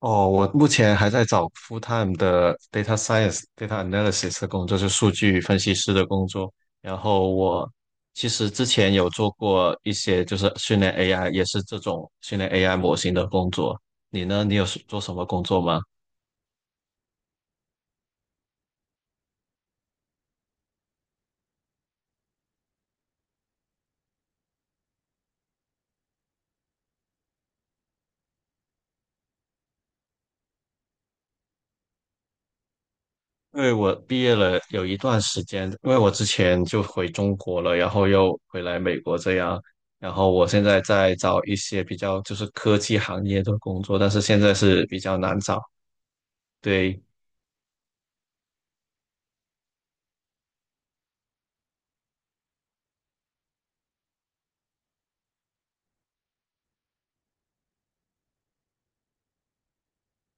哦，我目前还在找 full time 的 data science、data analysis 的工作，就是数据分析师的工作。然后我其实之前有做过一些，就是训练 AI，也是这种训练 AI 模型的工作。你呢？你是做什么工作吗？因为我毕业了有一段时间，因为我之前就回中国了，然后又回来美国这样。然后我现在在找一些比较就是科技行业的工作，但是现在是比较难找。对，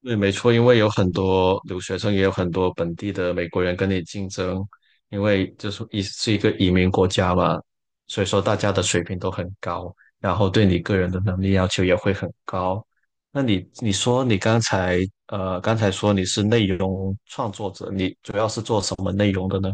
对，没错，因为有很多留学生，也有很多本地的美国人跟你竞争，因为就是一个移民国家嘛，所以说大家的水平都很高，然后对你个人的能力要求也会很高。那你说你刚才说你是内容创作者，你主要是做什么内容的呢？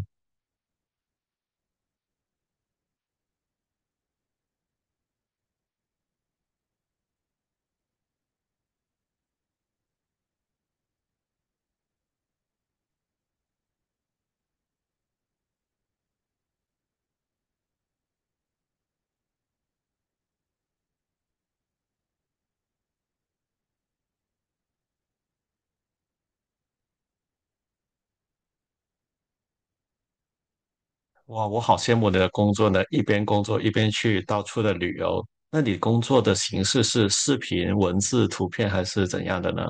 哇，我好羡慕你的工作呢，一边工作一边去到处的旅游。那你工作的形式是视频、文字、图片还是怎样的呢？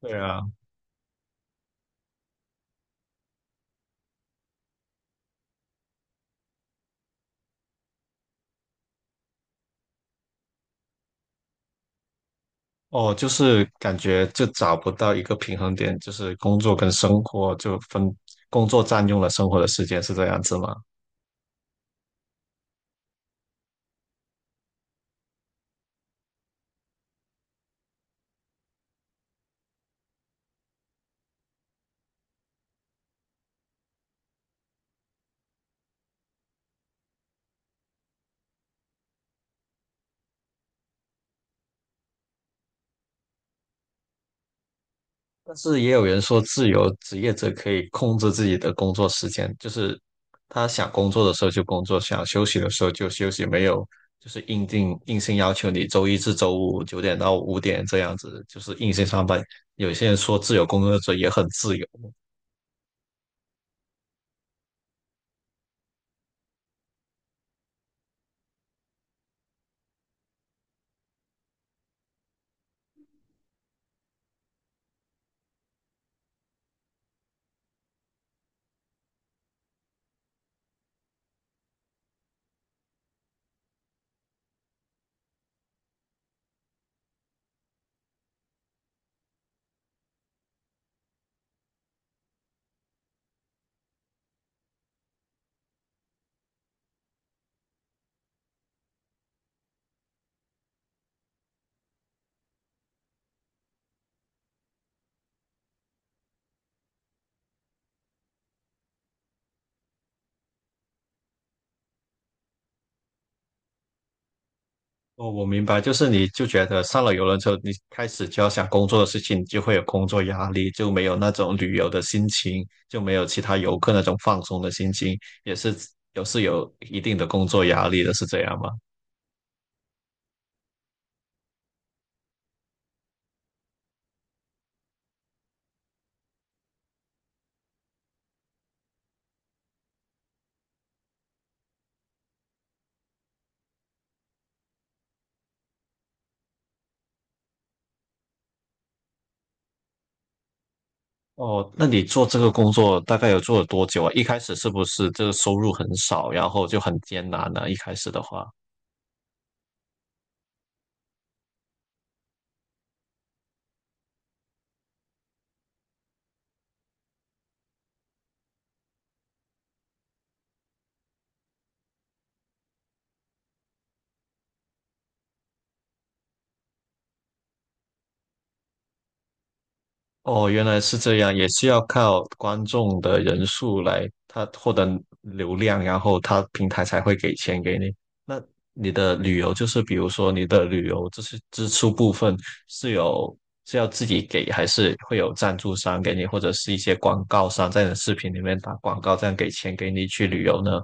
对啊。哦，就是感觉就找不到一个平衡点，就是工作跟生活就分，工作占用了生活的时间，是这样子吗？但是也有人说，自由职业者可以控制自己的工作时间，就是他想工作的时候就工作，想休息的时候就休息，没有就是硬性要求你周一至周五九点到五点这样子，就是硬性上班。有些人说自由工作者也很自由。哦，我明白，就是你就觉得上了游轮之后，你开始就要想工作的事情，你就会有工作压力，就没有那种旅游的心情，就没有其他游客那种放松的心情，也是有一定的工作压力的，是这样吗？哦，那你做这个工作大概有做了多久啊？一开始是不是这个收入很少，然后就很艰难呢？一开始的话，哦，原来是这样，也是要靠观众的人数来，他获得流量，然后他平台才会给钱给你。那你的旅游就是，比如说你的旅游这是支出部分是有是要自己给，还是会有赞助商给你，或者是一些广告商在你的视频里面打广告，这样给钱给你去旅游呢？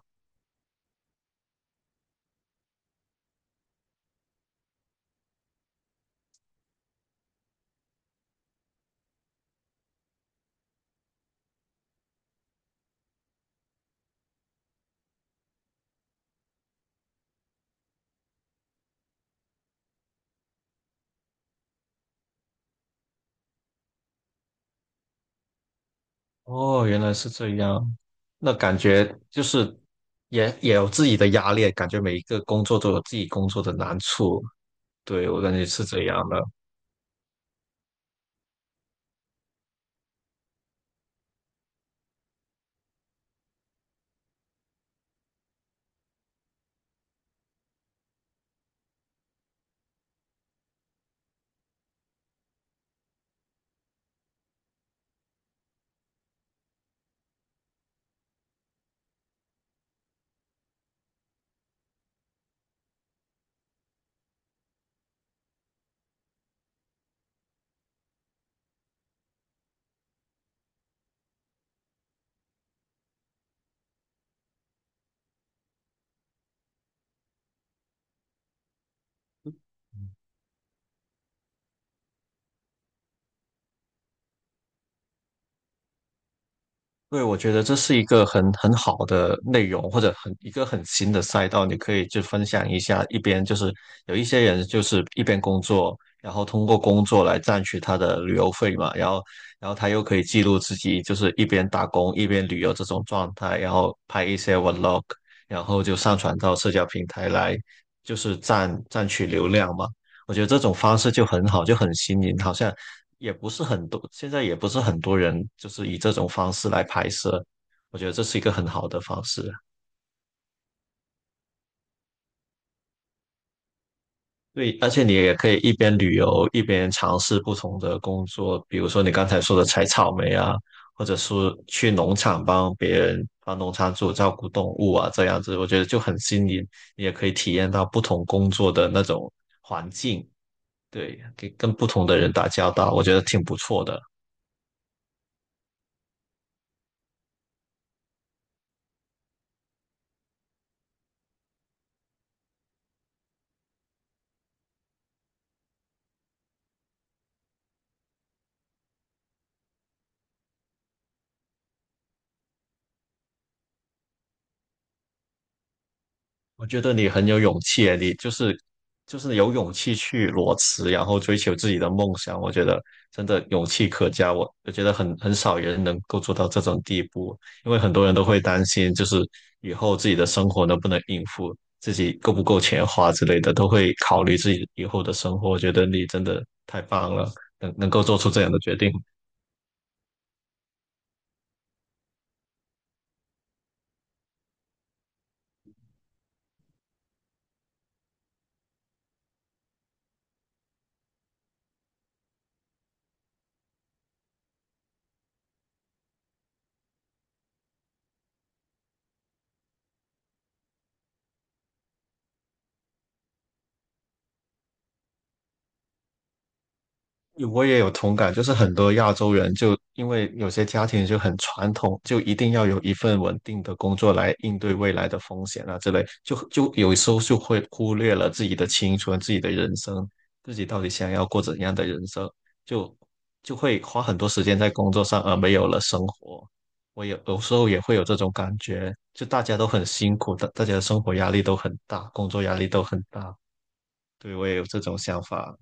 哦，原来是这样，那感觉就是也有自己的压力，感觉每一个工作都有自己工作的难处。对，我感觉是这样的。对，我觉得这是一个很好的内容，或者很一个很新的赛道，你可以就分享一下。一边就是有一些人就是一边工作，然后通过工作来赚取他的旅游费嘛，然后他又可以记录自己就是一边打工一边旅游这种状态，然后拍一些 vlog，然后就上传到社交平台来，就是赚取流量嘛。我觉得这种方式就很好，就很新颖，好像也不是很多，现在也不是很多人就是以这种方式来拍摄，我觉得这是一个很好的方式。对，而且你也可以一边旅游一边尝试不同的工作，比如说你刚才说的采草莓啊，或者是去农场帮别人帮农场主照顾动物啊，这样子我觉得就很新颖，你也可以体验到不同工作的那种环境，对，跟不同的人打交道，我觉得挺不错的。我觉得你很有勇气诶，你就是有勇气去裸辞，然后追求自己的梦想。我觉得真的勇气可嘉，我觉得很少人能够做到这种地步，因为很多人都会担心，就是以后自己的生活能不能应付，自己够不够钱花之类的，都会考虑自己以后的生活。我觉得你真的太棒了，能够做出这样的决定。我也有同感，就是很多亚洲人就因为有些家庭就很传统，就一定要有一份稳定的工作来应对未来的风险啊之类，就有时候就会忽略了自己的青春、自己的人生，自己到底想要过怎样的人生，就就会花很多时间在工作上，而没有了生活。我有时候也会有这种感觉，就大家都很辛苦，大家的生活压力都很大，工作压力都很大，对，我也有这种想法。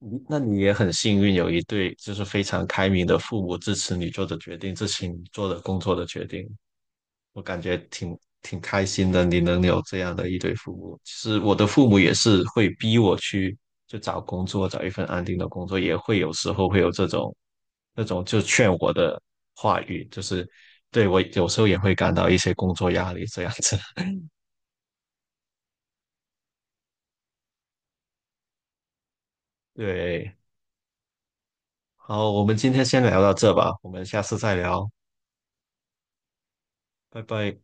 那你也很幸运，有一对就是非常开明的父母支持你做的决定，支持你做的工作的决定，我感觉挺开心的。你能有这样的一对父母，其实我的父母也是会逼我去就找工作，找一份安定的工作，也会有时候会有这种那种就劝我的话语，就是对我有时候也会感到一些工作压力这样子。对，好，我们今天先聊到这吧，我们下次再聊，拜拜。